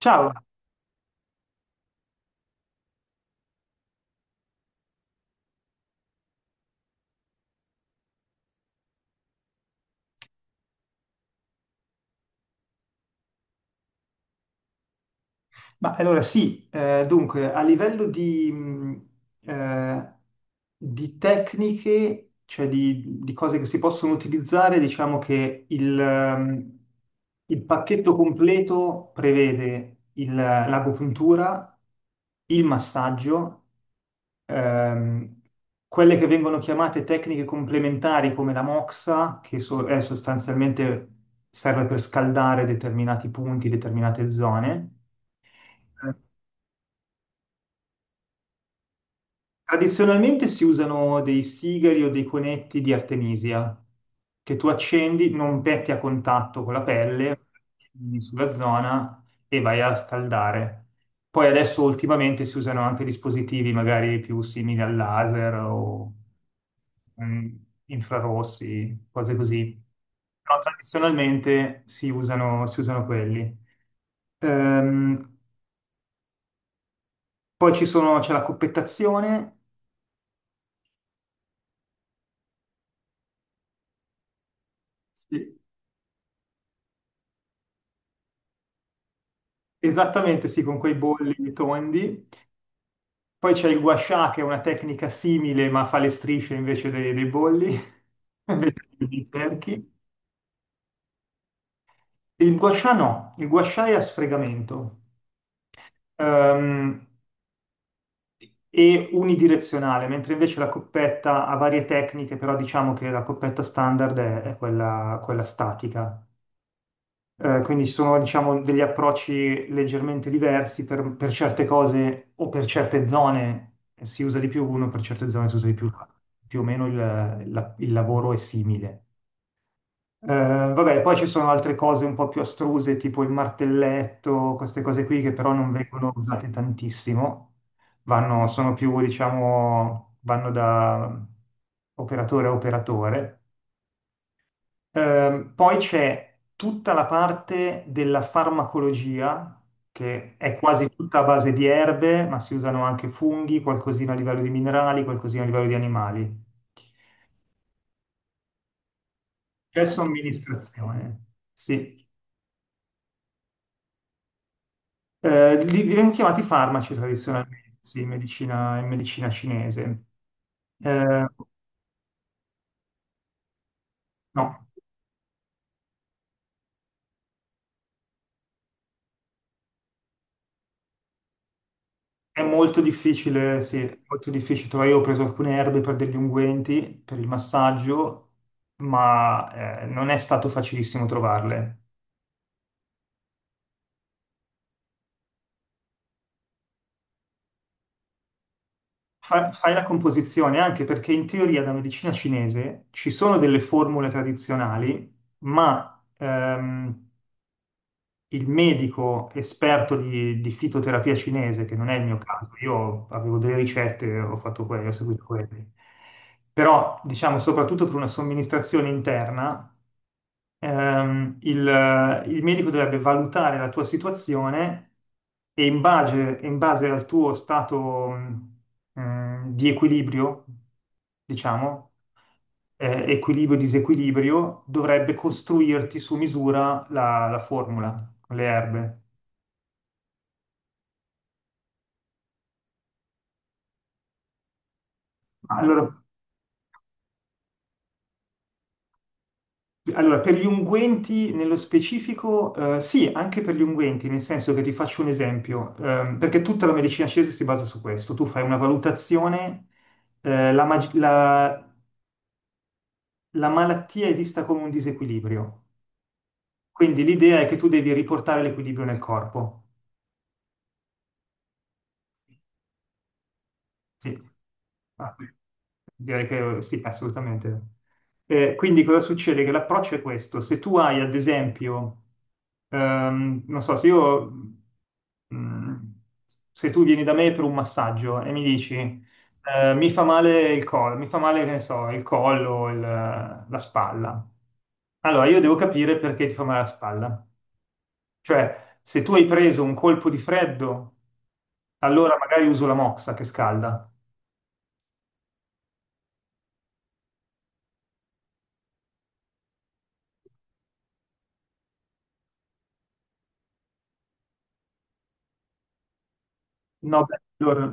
Ciao, ma allora sì, dunque a livello eh, di tecniche, cioè di cose che si possono utilizzare, diciamo che il pacchetto completo prevede l'agopuntura, il massaggio, ehm, quelle che vengono chiamate tecniche complementari come la moxa, è sostanzialmente serve per scaldare determinati punti, determinate zone. Tradizionalmente si usano dei sigari o dei conetti di artemisia che tu accendi, non metti a contatto con la pelle, accendi sulla zona e vai a scaldare. Poi adesso ultimamente si usano anche dispositivi magari più simili al laser o mm, infrarossi, cose così. Però tradizionalmente si usano quelli. Ehm, Poi c'è la coppettazione. Sì. Esattamente, sì, con quei bolli tondi. Poi c'è il guascià, che è una tecnica simile, ma fa le strisce invece dei bolli, invece dei cerchi. Il guascià no, il guascià è a sfregamento, ehm, e unidirezionale, mentre invece la coppetta ha varie tecniche, però diciamo che la coppetta standard è quella, quella statica. Quindi ci sono, diciamo, degli approcci leggermente diversi per certe cose o per certe zone si usa di più uno, per certe zone si usa di più l'altro. Più o meno il lavoro è simile. Vabbè, poi ci sono altre cose un po' più astruse, tipo il martelletto, queste cose qui che però non vengono usate tantissimo, vanno, sono più, diciamo, vanno da operatore a operatore. Poi c'è tutta la parte della farmacologia, che è quasi tutta a base di erbe, ma si usano anche funghi, qualcosina a livello di minerali, qualcosina a livello di animali. C'è somministrazione, sì. Li vengono chiamati farmaci tradizionalmente, sì, in medicina cinese. Eh, no. È molto difficile, sì, è molto difficile. Io ho preso alcune erbe per degli unguenti, per il massaggio, ma non è stato facilissimo trovarle. Fai la composizione anche perché in teoria la medicina cinese ci sono delle formule tradizionali, ma il medico esperto di fitoterapia cinese, che non è il mio caso, io avevo delle ricette, ho fatto quelle, ho seguito quelle. Però, diciamo, soprattutto per una somministrazione interna, il medico dovrebbe valutare la tua situazione e in base al tuo stato, di equilibrio, diciamo, equilibrio-disequilibrio, dovrebbe costruirti su misura la formula con le erbe. Ah, allora, per gli unguenti nello specifico, sì, anche per gli unguenti, nel senso che ti faccio un esempio, perché tutta la medicina cinese si basa su questo. Tu fai una valutazione, eh, la, mag- la- la malattia è vista come un disequilibrio, quindi l'idea è che tu devi riportare l'equilibrio nel corpo. Sì. Ah, direi che sì, assolutamente. Quindi cosa succede? Che l'approccio è questo. Se tu hai, ad esempio, non so, se io, mm, se tu vieni da me per un massaggio e mi dici, mi fa male il collo, mi fa male, che ne so, il collo, la spalla. Allora, io devo capire perché ti fa male la spalla. Cioè, se tu hai preso un colpo di freddo, allora magari uso la moxa che scalda. No, beh, allora,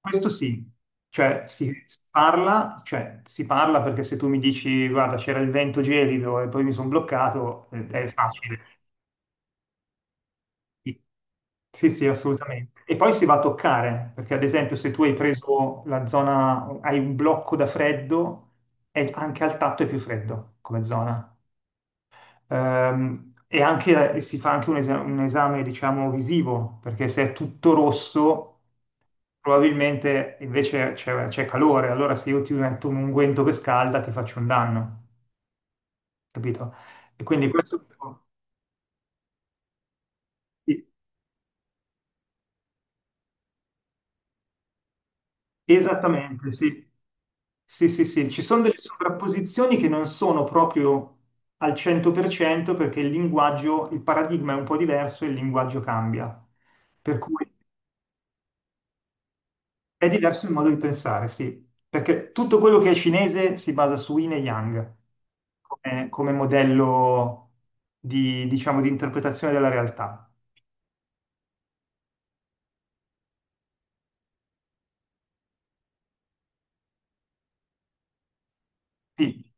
questo sì, cioè si parla, cioè si parla perché se tu mi dici guarda c'era il vento gelido e poi mi sono bloccato, è facile. Sì, sì, sì, assolutamente. E poi si va a toccare, perché ad esempio se tu hai preso la zona, hai un blocco da freddo, anche al tatto è più freddo come zona. E anche, e si fa anche un esame, diciamo, visivo, perché se è tutto rosso, probabilmente invece c'è calore, allora se io ti metto un unguento che scalda ti faccio un danno, capito? E quindi questo. Sì, esattamente, sì. Sì, sì, sì, ci sono delle sovrapposizioni che non sono proprio al 100% perché il linguaggio, il paradigma è un po' diverso e il linguaggio cambia. Per cui. È diverso il modo di pensare, sì, perché tutto quello che è cinese si basa su Yin e Yang come modello di, diciamo, di interpretazione della realtà. Sì,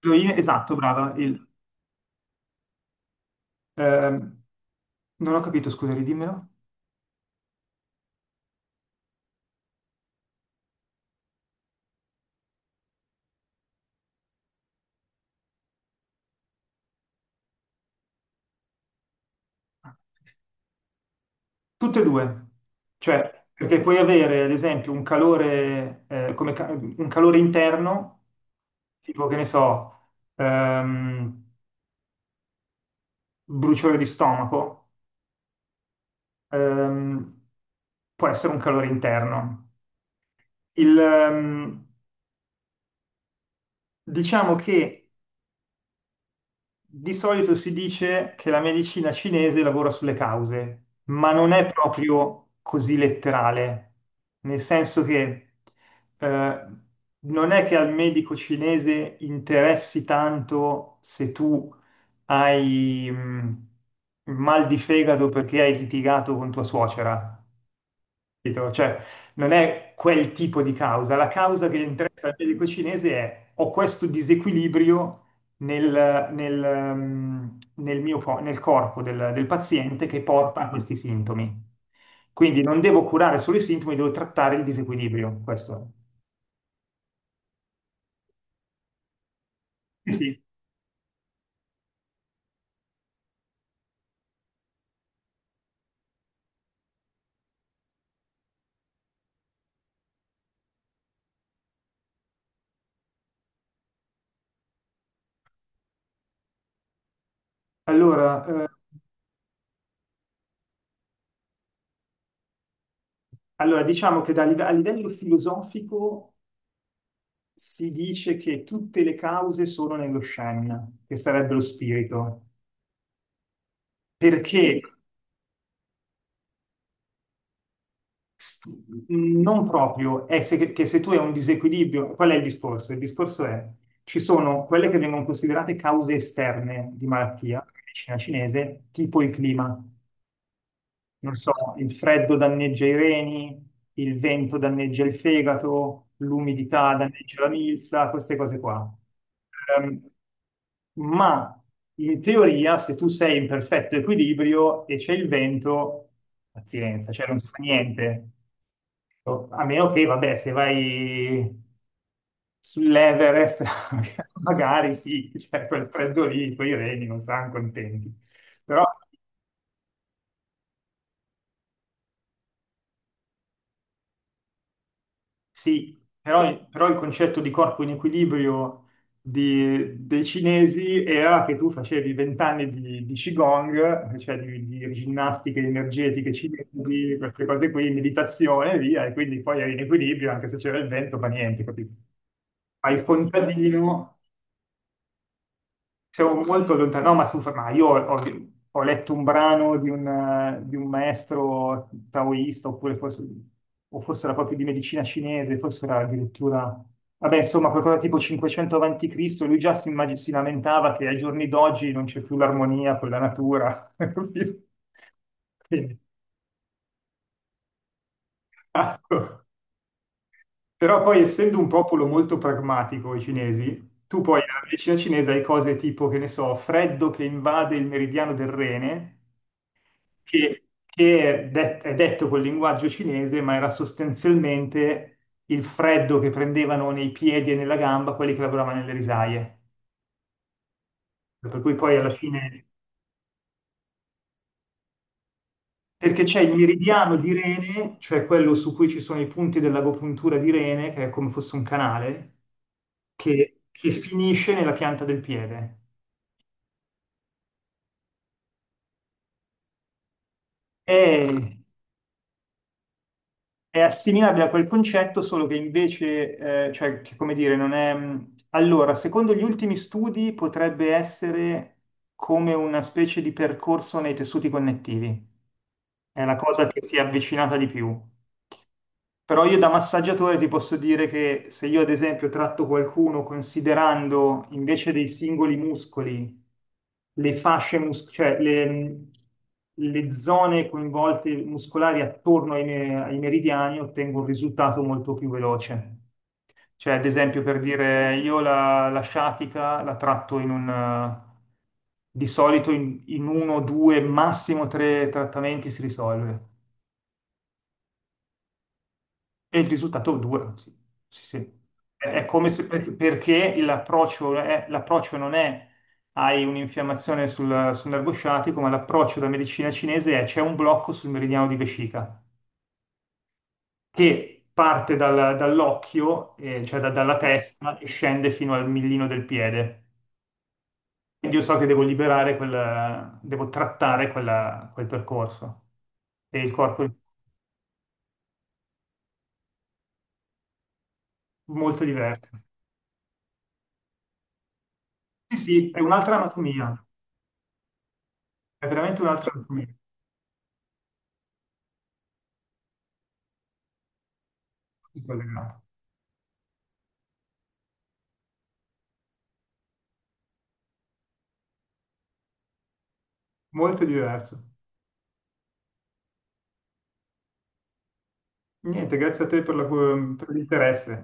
esatto, brava. Ehm, Non ho capito, scusa, ridimmelo. Tutte e due, cioè, perché puoi avere ad esempio un calore, un calore interno, tipo che ne so, ehm, bruciore di stomaco, ehm, può essere un calore interno. Il, ehm, diciamo che di solito si dice che la medicina cinese lavora sulle cause, ma non è proprio così letterale, nel senso che eh, non è che al medico cinese interessi tanto se tu hai mal di fegato perché hai litigato con tua suocera. Capito? Cioè, non è quel tipo di causa. La causa che interessa al medico cinese è ho questo disequilibrio nel corpo del paziente che porta a questi sintomi. Quindi non devo curare solo i sintomi, devo trattare il disequilibrio. Questo è. Sì, sì. Allora, diciamo che a livello filosofico si dice che tutte le cause sono nello Shen, che sarebbe lo spirito, perché. S- Non proprio, è se- che se tu hai un disequilibrio, qual è il discorso? Il discorso è, ci sono quelle che vengono considerate cause esterne di malattia, nella medicina cinese, tipo il clima. Non so, il freddo danneggia i reni, il vento danneggia il fegato, l'umidità danneggia la milza, queste cose qua. Ehm, ma in teoria, se tu sei in perfetto equilibrio e c'è il vento, pazienza, cioè non si fa niente. No, a meno che, vabbè, se vai sull'Everest, magari sì, cioè quel freddo lì, poi i reni non saranno contenti. Però sì, però il concetto di corpo in equilibrio dei cinesi era che tu facevi 20 anni di Qigong, cioè di ginnastiche energetiche cinesi, queste cose qui, meditazione e via, e quindi poi eri in equilibrio, anche se c'era il vento, fa niente, capito? Fai il contadino. Siamo molto lontano, no, ma su, ma io ho letto un brano di un maestro taoista, oppure forse, o forse era proprio di medicina cinese, forse era addirittura, vabbè, insomma, qualcosa tipo 500 avanti Cristo, lui già si lamentava che ai giorni d'oggi non c'è più l'armonia con la natura, capito? Quindi, ecco. Però poi essendo un popolo molto pragmatico, i cinesi, tu poi nella medicina cinese hai cose tipo, che ne so, freddo che invade il meridiano del rene, che è detto col linguaggio cinese, ma era sostanzialmente il freddo che prendevano nei piedi e nella gamba quelli che lavoravano nelle risaie. Per cui poi alla fine, perché c'è il meridiano di Rene, cioè quello su cui ci sono i punti dell'agopuntura di Rene, che è come fosse un canale, che finisce nella pianta del piede. E È assimilabile a quel concetto, solo che invece, cioè, che come dire, non è. Allora, secondo gli ultimi studi potrebbe essere come una specie di percorso nei tessuti connettivi. È la cosa che si è avvicinata di più. Però io da massaggiatore ti posso dire che se io ad esempio tratto qualcuno considerando invece dei singoli muscoli le fasce muscolari, cioè le zone coinvolte muscolari attorno ai meridiani, ottengo un risultato molto più veloce. Cioè ad esempio per dire io la sciatica la tratto in un. Di solito in, uno, due, massimo tre trattamenti si risolve. E il risultato dura, sì, sì, sì. È come se perché l'approccio l'approccio non è hai un'infiammazione sul nervo sciatico, ma l'approccio da medicina cinese è c'è un blocco sul meridiano di vescica che parte dall'occhio, cioè dalla testa e scende fino al millino del piede. Quindi io so che devo liberare devo trattare quel percorso. E il corpo è molto diverso. Sì, sì, è un'altra anatomia, è veramente un'altra anatomia. Collegato. Molto diverso. Niente, grazie a te per l'interesse.